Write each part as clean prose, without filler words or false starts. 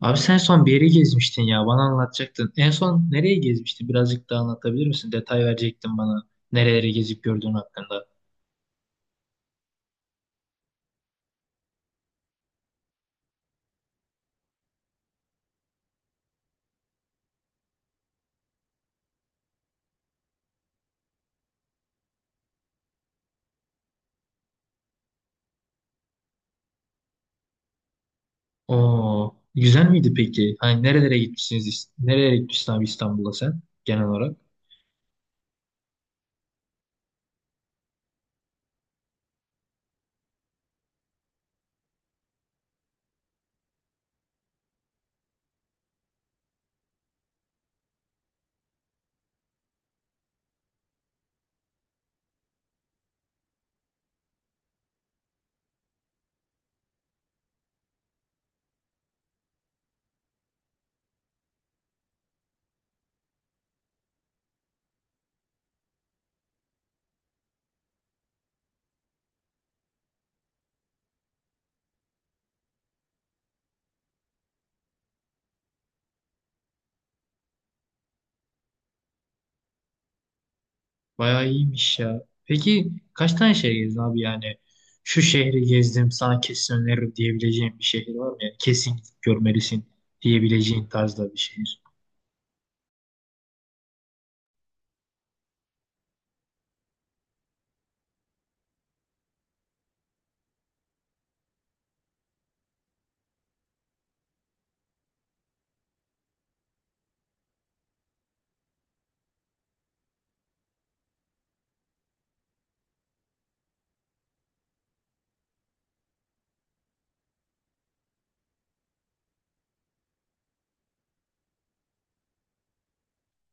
Abi sen son bir yeri gezmiştin ya. Bana anlatacaktın. En son nereye gezmiştin? Birazcık daha anlatabilir misin? Detay verecektin bana. Nereleri gezip gördüğün hakkında. Oo, güzel miydi peki? Hani nerelere gitmişsiniz? Nereye gitmişsin abi İstanbul'da sen genel olarak? Bayağı iyiymiş ya. Peki kaç tane şehir gezdin abi yani? Şu şehri gezdim sana kesin öneririm diyebileceğin bir şehir var mı? Yani kesin gidip görmelisin diyebileceğin tarzda bir şehir.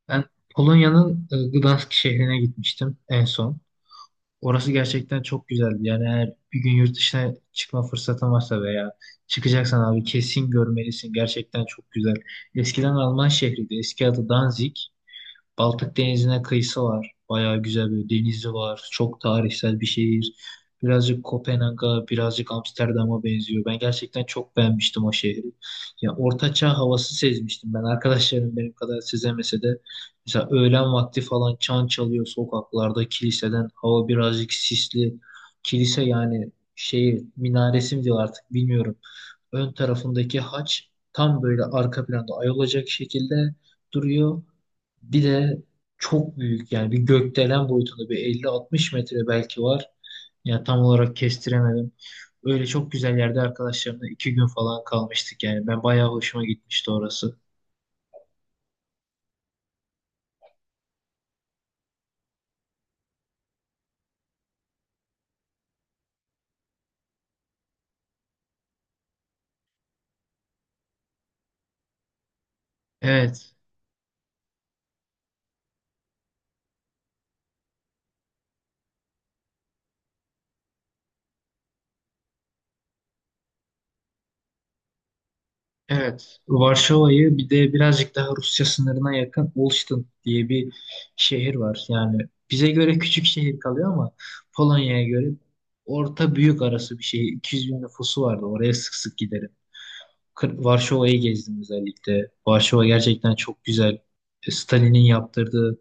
Ben Polonya'nın Gdansk şehrine gitmiştim en son. Orası gerçekten çok güzeldi. Yani eğer bir gün yurt dışına çıkma fırsatın varsa veya çıkacaksan abi kesin görmelisin. Gerçekten çok güzel. Eskiden Alman şehriydi. Eski adı Danzig. Baltık Denizi'ne kıyısı var. Bayağı güzel bir denizi var. Çok tarihsel bir şehir. Birazcık Kopenhag'a, birazcık Amsterdam'a benziyor. Ben gerçekten çok beğenmiştim o şehri. Ya ortaçağ havası sezmiştim ben. Arkadaşlarım benim kadar sezemese de mesela öğlen vakti falan çan çalıyor sokaklarda, kiliseden hava birazcık sisli. Kilise yani şeyi minaresi mi diyor artık bilmiyorum. Ön tarafındaki haç tam böyle arka planda ay olacak şekilde duruyor. Bir de çok büyük yani bir gökdelen boyutunda bir 50-60 metre belki var. Yani tam olarak kestiremedim. Öyle çok güzel yerde arkadaşlarımla 2 gün falan kalmıştık yani. Ben bayağı hoşuma gitmişti orası. Evet, evet. Varşova'yı bir de birazcık daha Rusya sınırına yakın Olsztyn diye bir şehir var. Yani bize göre küçük şehir kalıyor ama Polonya'ya göre orta büyük arası bir şehir. 200 bin nüfusu vardı. Oraya sık sık gideriz. Kır- Varşova'yı gezdim özellikle. Varşova gerçekten çok güzel. Stalin'in yaptırdığı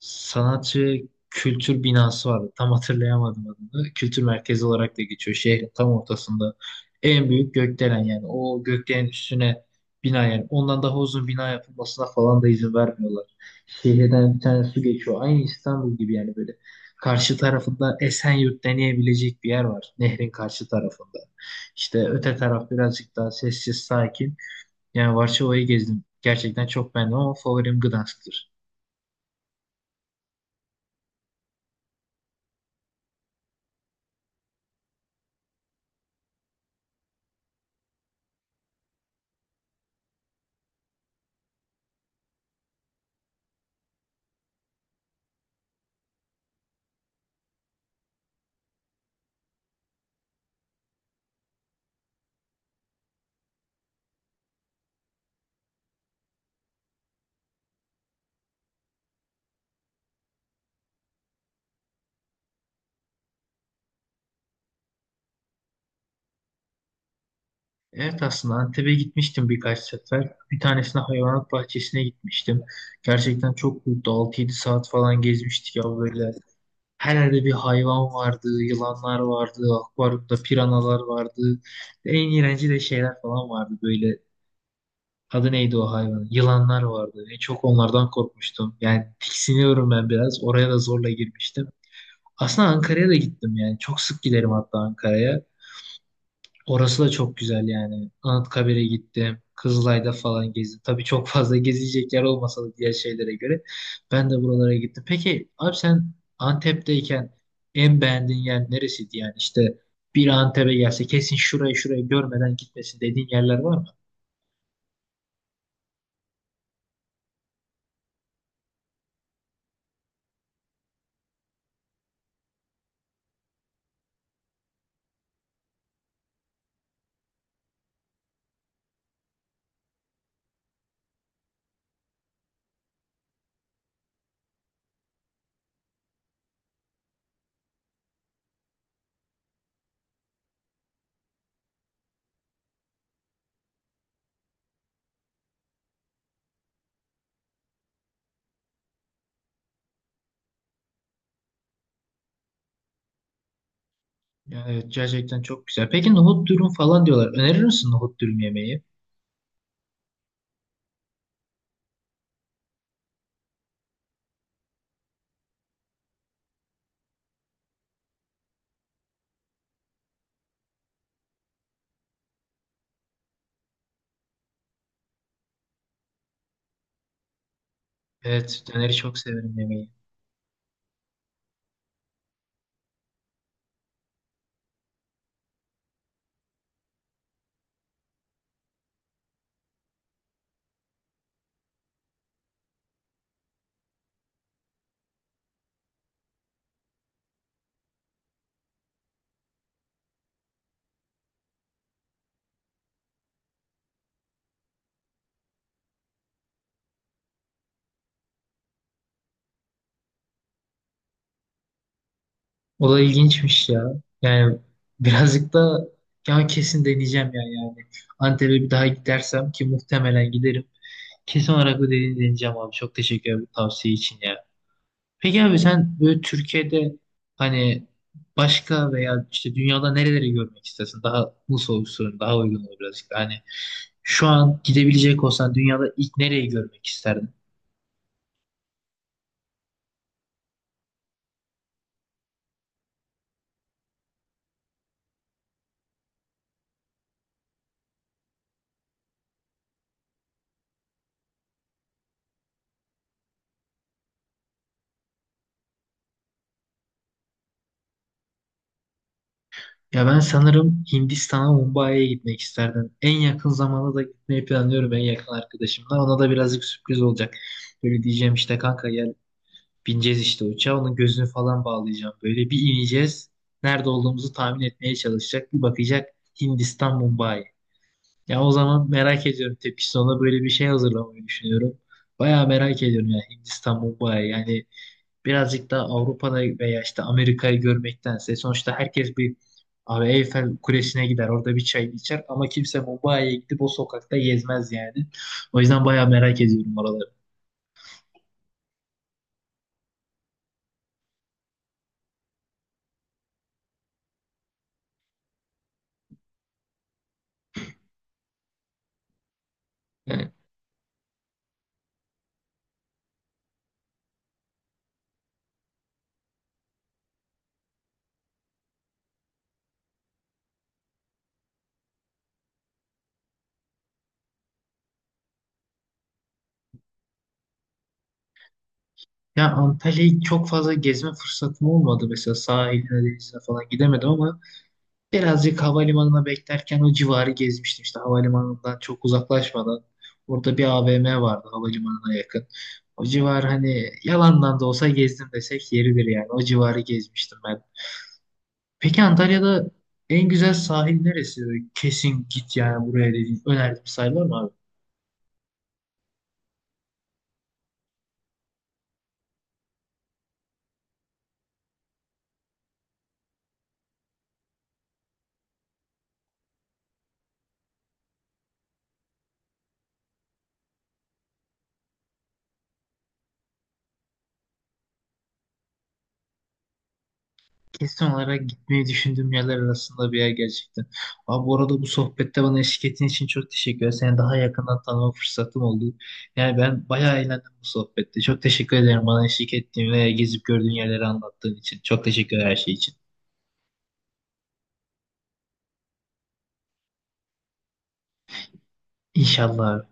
sanatçı kültür binası vardı. Tam hatırlayamadım adını. Kültür merkezi olarak da geçiyor. Şehrin tam ortasında. En büyük gökdelen yani. O gökdelenin üstüne bina yani. Ondan daha uzun bina yapılmasına falan da izin vermiyorlar. Şehirden bir tane su geçiyor. Aynı İstanbul gibi yani böyle. Karşı tarafında Esenyurt deneyebilecek bir yer var. Nehrin karşı tarafında. İşte öte taraf birazcık daha sessiz, sakin. Yani Varşova'yı gezdim. Gerçekten çok beğendim ama favorim Gdansk'tır. Evet aslında Antep'e gitmiştim birkaç sefer. Bir tanesine hayvanat bahçesine gitmiştim. Gerçekten çok büyüktü. 6-7 saat falan gezmiştik ya böyle. Her yerde bir hayvan vardı, yılanlar vardı, akvaryumda piranalar vardı. En iğrenci de şeyler falan vardı böyle. Adı neydi o hayvan? Yılanlar vardı. En çok onlardan korkmuştum. Yani tiksiniyorum ben biraz. Oraya da zorla girmiştim. Aslında Ankara'ya da gittim yani. Çok sık giderim hatta Ankara'ya. Orası da çok güzel yani. Anıtkabir'e gittim. Kızılay'da falan gezdim. Tabii çok fazla gezilecek yer olmasa da diğer şeylere göre. Ben de buralara gittim. Peki abi sen Antep'teyken en beğendiğin yer neresiydi yani? İşte bir Antep'e gelse kesin şurayı şurayı görmeden gitmesin dediğin yerler var mı? Yani evet gerçekten çok güzel. Peki nohut dürüm falan diyorlar. Önerir misin nohut dürüm yemeği? Evet döneri çok severim yemeği. O da ilginçmiş ya. Yani birazcık da ya kesin deneyeceğim yani. Antep'e bir daha gidersem ki muhtemelen giderim. Kesin olarak bu dediğini deneyeceğim abi. Çok teşekkür ederim bu tavsiye için ya. Peki abi sen böyle Türkiye'de hani başka veya işte dünyada nereleri görmek istersin? Daha bu soru sorayım, daha uygun olur birazcık da. Hani şu an gidebilecek olsan dünyada ilk nereyi görmek isterdin? Ya ben sanırım Hindistan'a, Mumbai'ye gitmek isterdim. En yakın zamanda da gitmeyi planlıyorum en yakın arkadaşımla. Ona da birazcık sürpriz olacak. Böyle diyeceğim işte kanka gel bineceğiz işte uçağa. Onun gözünü falan bağlayacağım. Böyle bir ineceğiz. Nerede olduğumuzu tahmin etmeye çalışacak. Bir bakacak Hindistan, Mumbai. Ya o zaman merak ediyorum tepkisi. Ona böyle bir şey hazırlamayı düşünüyorum. Bayağı merak ediyorum ya Hindistan, Mumbai. Yani birazcık daha Avrupa'da veya işte Amerika'yı görmektense sonuçta herkes bir abi Eyfel Kulesi'ne gider orada bir çay içer ama kimse Mumbai'ye gidip o sokakta gezmez yani. O yüzden bayağı merak ediyorum oraları. Yani, ya Antalya'yı çok fazla gezme fırsatım olmadı mesela sahiline denizine falan gidemedim ama birazcık havalimanına beklerken o civarı gezmiştim işte havalimanından çok uzaklaşmadan. Orada bir AVM vardı havalimanına yakın. O civar hani yalandan da olsa gezdim desek yeridir yani. O civarı gezmiştim ben. Peki Antalya'da en güzel sahil neresi? Böyle kesin git yani buraya dediğin önerdiğim sahil var mı? Kesin olarak gitmeyi düşündüğüm yerler arasında bir yer gerçekten. Abi bu arada bu sohbette bana eşlik ettiğin için çok teşekkür ederim. Seni daha yakından tanıma fırsatım oldu. Yani ben bayağı eğlendim bu sohbette. Çok teşekkür ederim bana eşlik ettiğin ve gezip gördüğün yerleri anlattığın için. Çok teşekkür ederim her şey için. İnşallah.